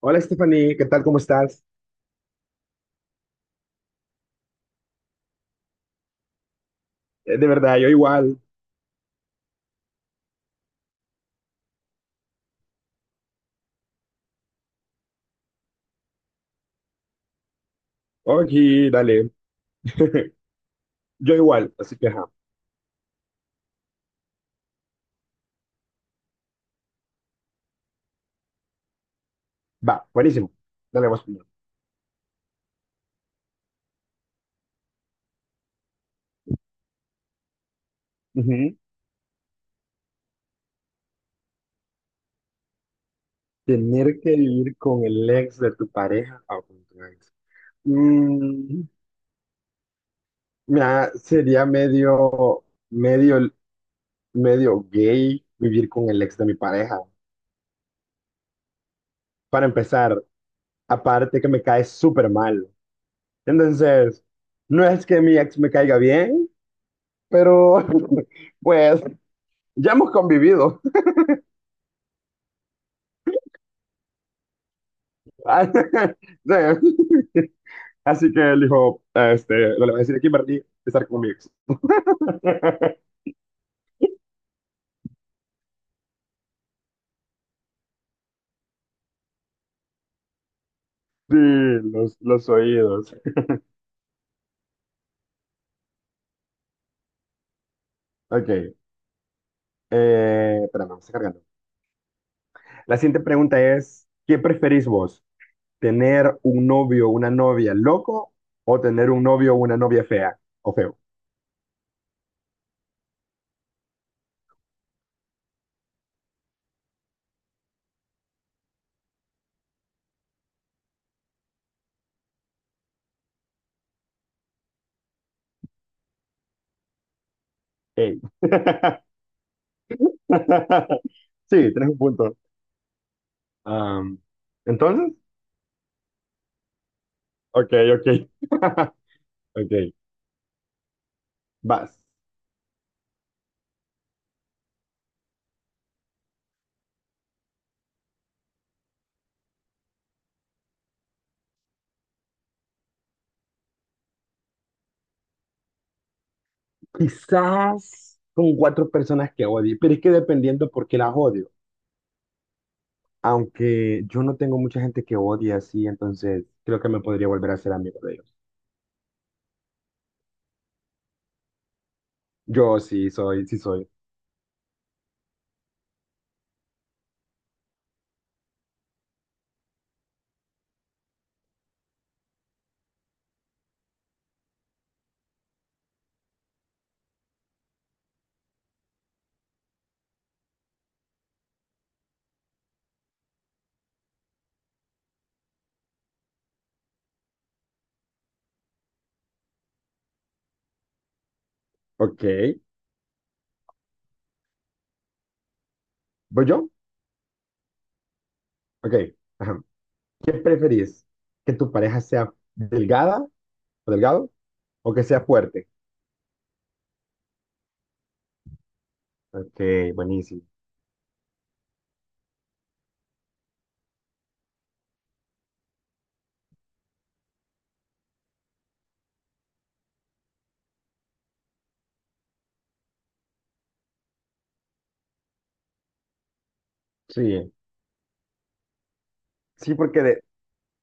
Hola Stephanie, ¿qué tal? ¿Cómo estás? De verdad, yo igual. Oye, dale. Yo igual, así que ajá. Va, buenísimo. Dale, vos primero. Ujú. Tener que vivir con el ex de tu pareja o con tu ex. Mm, mira, sería medio, medio gay vivir con el ex de mi pareja. Para empezar, aparte que me cae súper mal. Entonces, no es que mi ex me caiga bien, pero pues ya hemos convivido. Ah, sí. Así que él dijo, no le voy a decir a Kimberly de estar con mi ex. Sí, los oídos. Ok, espérame, me está cargando. La siguiente pregunta es, ¿qué preferís vos? ¿Tener un novio o una novia loco o tener un novio o una novia fea o feo? Ey. Sí, tenés un punto. Am, Entonces, ok, ok. Ok, vas. Quizás con cuatro personas que odie, pero es que dependiendo por qué las odio. Aunque yo no tengo mucha gente que odie así, entonces creo que me podría volver a ser amigo de ellos. Yo sí soy, sí soy. Ok. ¿Voy yo? Ok. Ajá. ¿Qué preferís? ¿Que tu pareja sea delgada o delgado o que sea fuerte? Ok, buenísimo. Sí. Sí, porque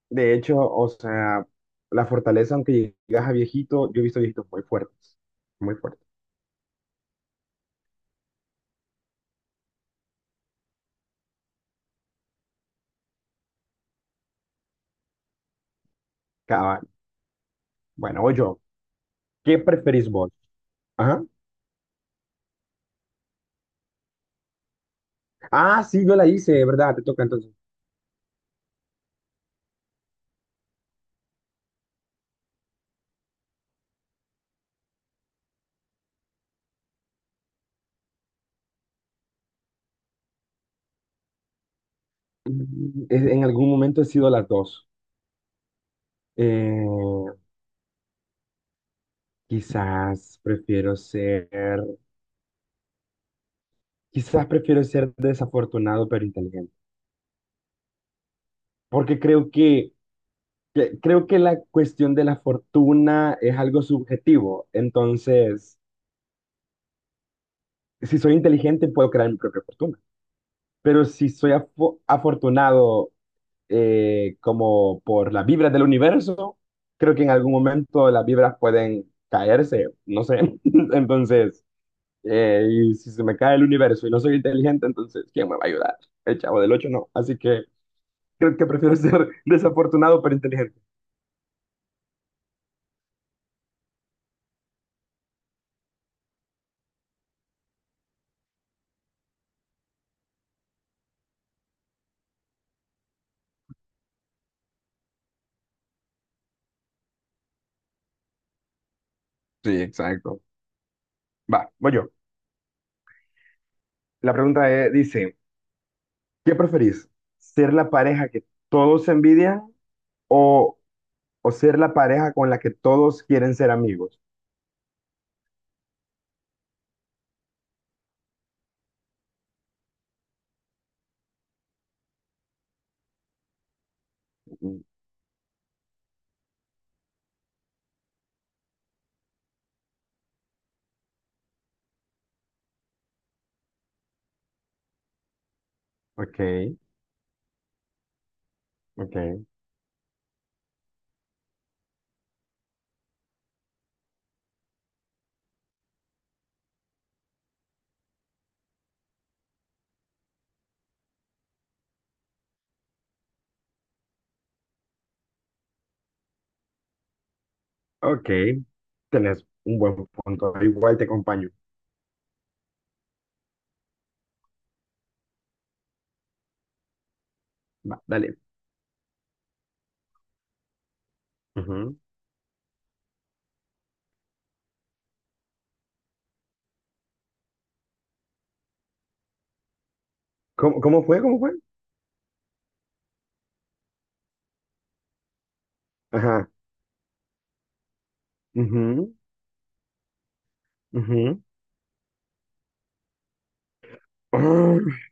de hecho, o sea, la fortaleza, aunque llegas a viejito, yo he visto viejitos muy fuertes. Muy fuertes. Cabal. Bueno, voy yo. ¿Qué preferís vos? Ajá. Ah, sí, yo la hice, ¿de verdad? Te toca entonces. En algún momento he sido las dos. Eh, quizás prefiero ser, Quizás prefiero ser desafortunado pero inteligente, porque creo creo que la cuestión de la fortuna es algo subjetivo. Entonces, si soy inteligente puedo crear mi propia fortuna, pero si soy afortunado, como por las vibras del universo, creo que en algún momento las vibras pueden caerse, no sé. Entonces, y si se me cae el universo y no soy inteligente, entonces, ¿quién me va a ayudar? El chavo del ocho no. Así que creo que prefiero ser desafortunado pero inteligente. Sí, exacto. Va, voy yo. La pregunta dice, ¿qué preferís? ¿Ser la pareja que todos envidian o, o ser la pareja con la que todos quieren ser amigos? Mm, ok, ok, ok. Tenés un buen punto. Igual te acompaño. Va, dale. Ujú. Cómo fue? ¿Cómo fue? Ajá. Ujú, ujú. Ah,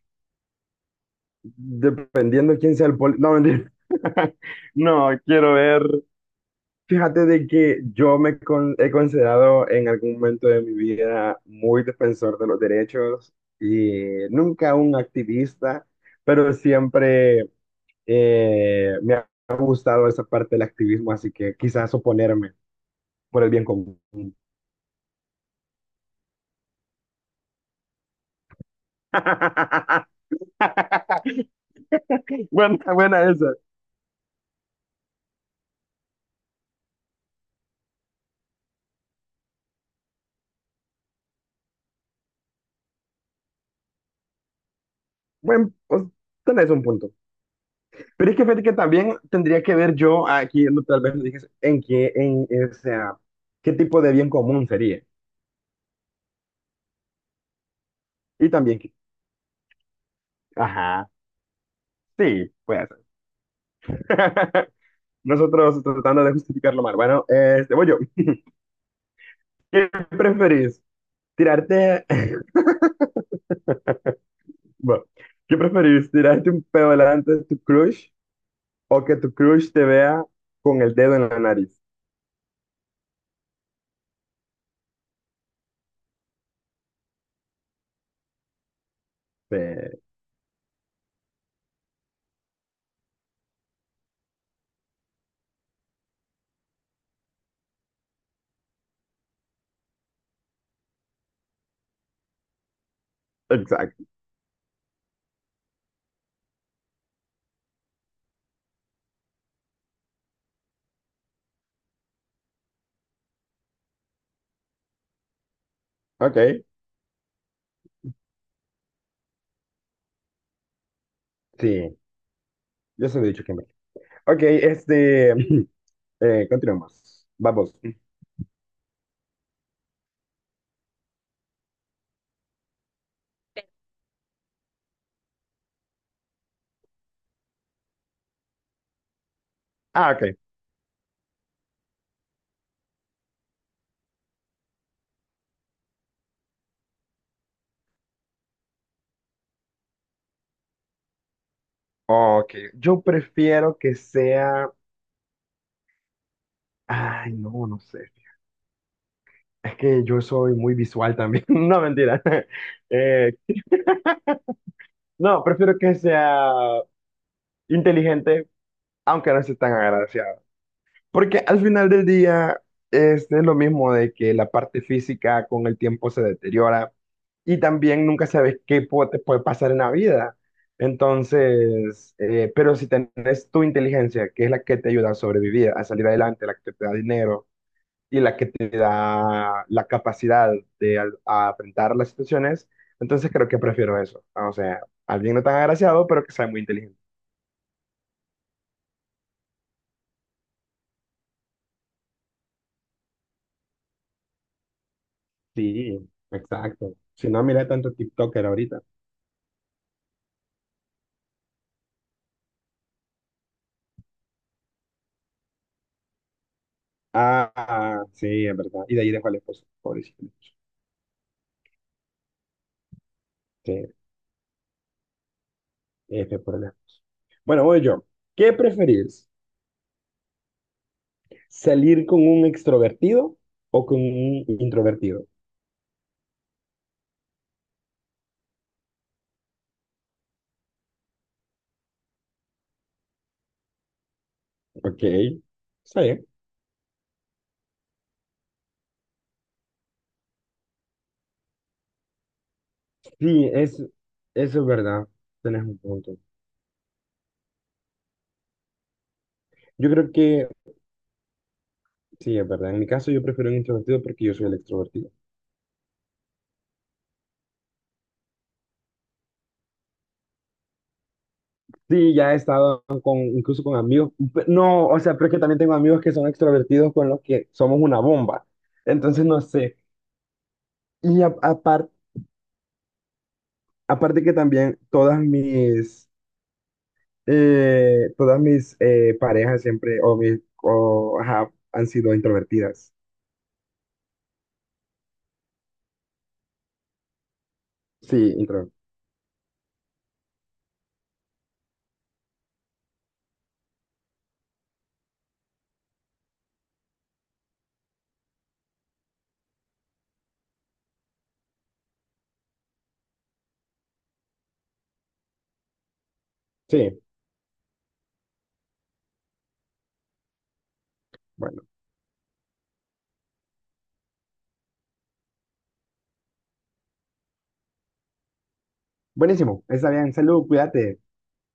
dependiendo quién sea el poli. No, mentira. No, quiero ver. Fíjate de que yo he considerado en algún momento de mi vida muy defensor de los derechos y nunca un activista, pero siempre me ha gustado esa parte del activismo, así que quizás oponerme por el bien común. Buena, buena esa. Bueno, pues, tenés un punto. Pero es que fíjate que también tendría que ver yo aquí, no, tal vez lo dije, o sea, qué tipo de bien común sería. Y también, ajá, sí, puede ser. Nosotros tratando de justificarlo mal. Bueno, voy yo. ¿Qué preferís? ¿Tirarte, bueno, qué preferís? ¿Tirarte un pedo delante de tu crush o que tu crush te vea con el dedo en la nariz? Sí, exacto. Ok. Sí, yo se lo he dicho, Kimberly. Ok, continuemos. Vamos. Ah, ok. Ok, yo prefiero que sea... Ay, no, no sé. Es que yo soy muy visual también. No, mentira. Eh, no, prefiero que sea inteligente, aunque no sea tan agraciado. Porque al final del día, es lo mismo de que la parte física con el tiempo se deteriora. Y también nunca sabes te puede pasar en la vida. Entonces, pero si tenés tu inteligencia, que es la que te ayuda a sobrevivir, a salir adelante, la que te da dinero y la que te da la capacidad de a enfrentar las situaciones, entonces creo que prefiero eso. O sea, alguien no tan agraciado, pero que sea muy inteligente. Sí, exacto. Si no, mira tanto TikToker ahorita. Ah, ah, sí, es verdad. Y de ahí dejo al esposo, pobrecito. Sí, F por allá. Bueno, voy yo. ¿Qué preferís? ¿Salir con un extrovertido o con un introvertido? Ok, está bien. Sí, es, Eso es verdad. Tenés un punto. Yo creo que sí, es verdad. En mi caso, yo prefiero un introvertido porque yo soy el extrovertido. Sí, ya he estado con, incluso con amigos. No, o sea, pero es que también tengo amigos que son extrovertidos con los que somos una bomba. Entonces, no sé. Y a- apar- Aparte que también todas mis parejas siempre, ajá, han sido introvertidas. Sí, intro. Sí, bueno. Buenísimo. Está bien. Salud, cuídate.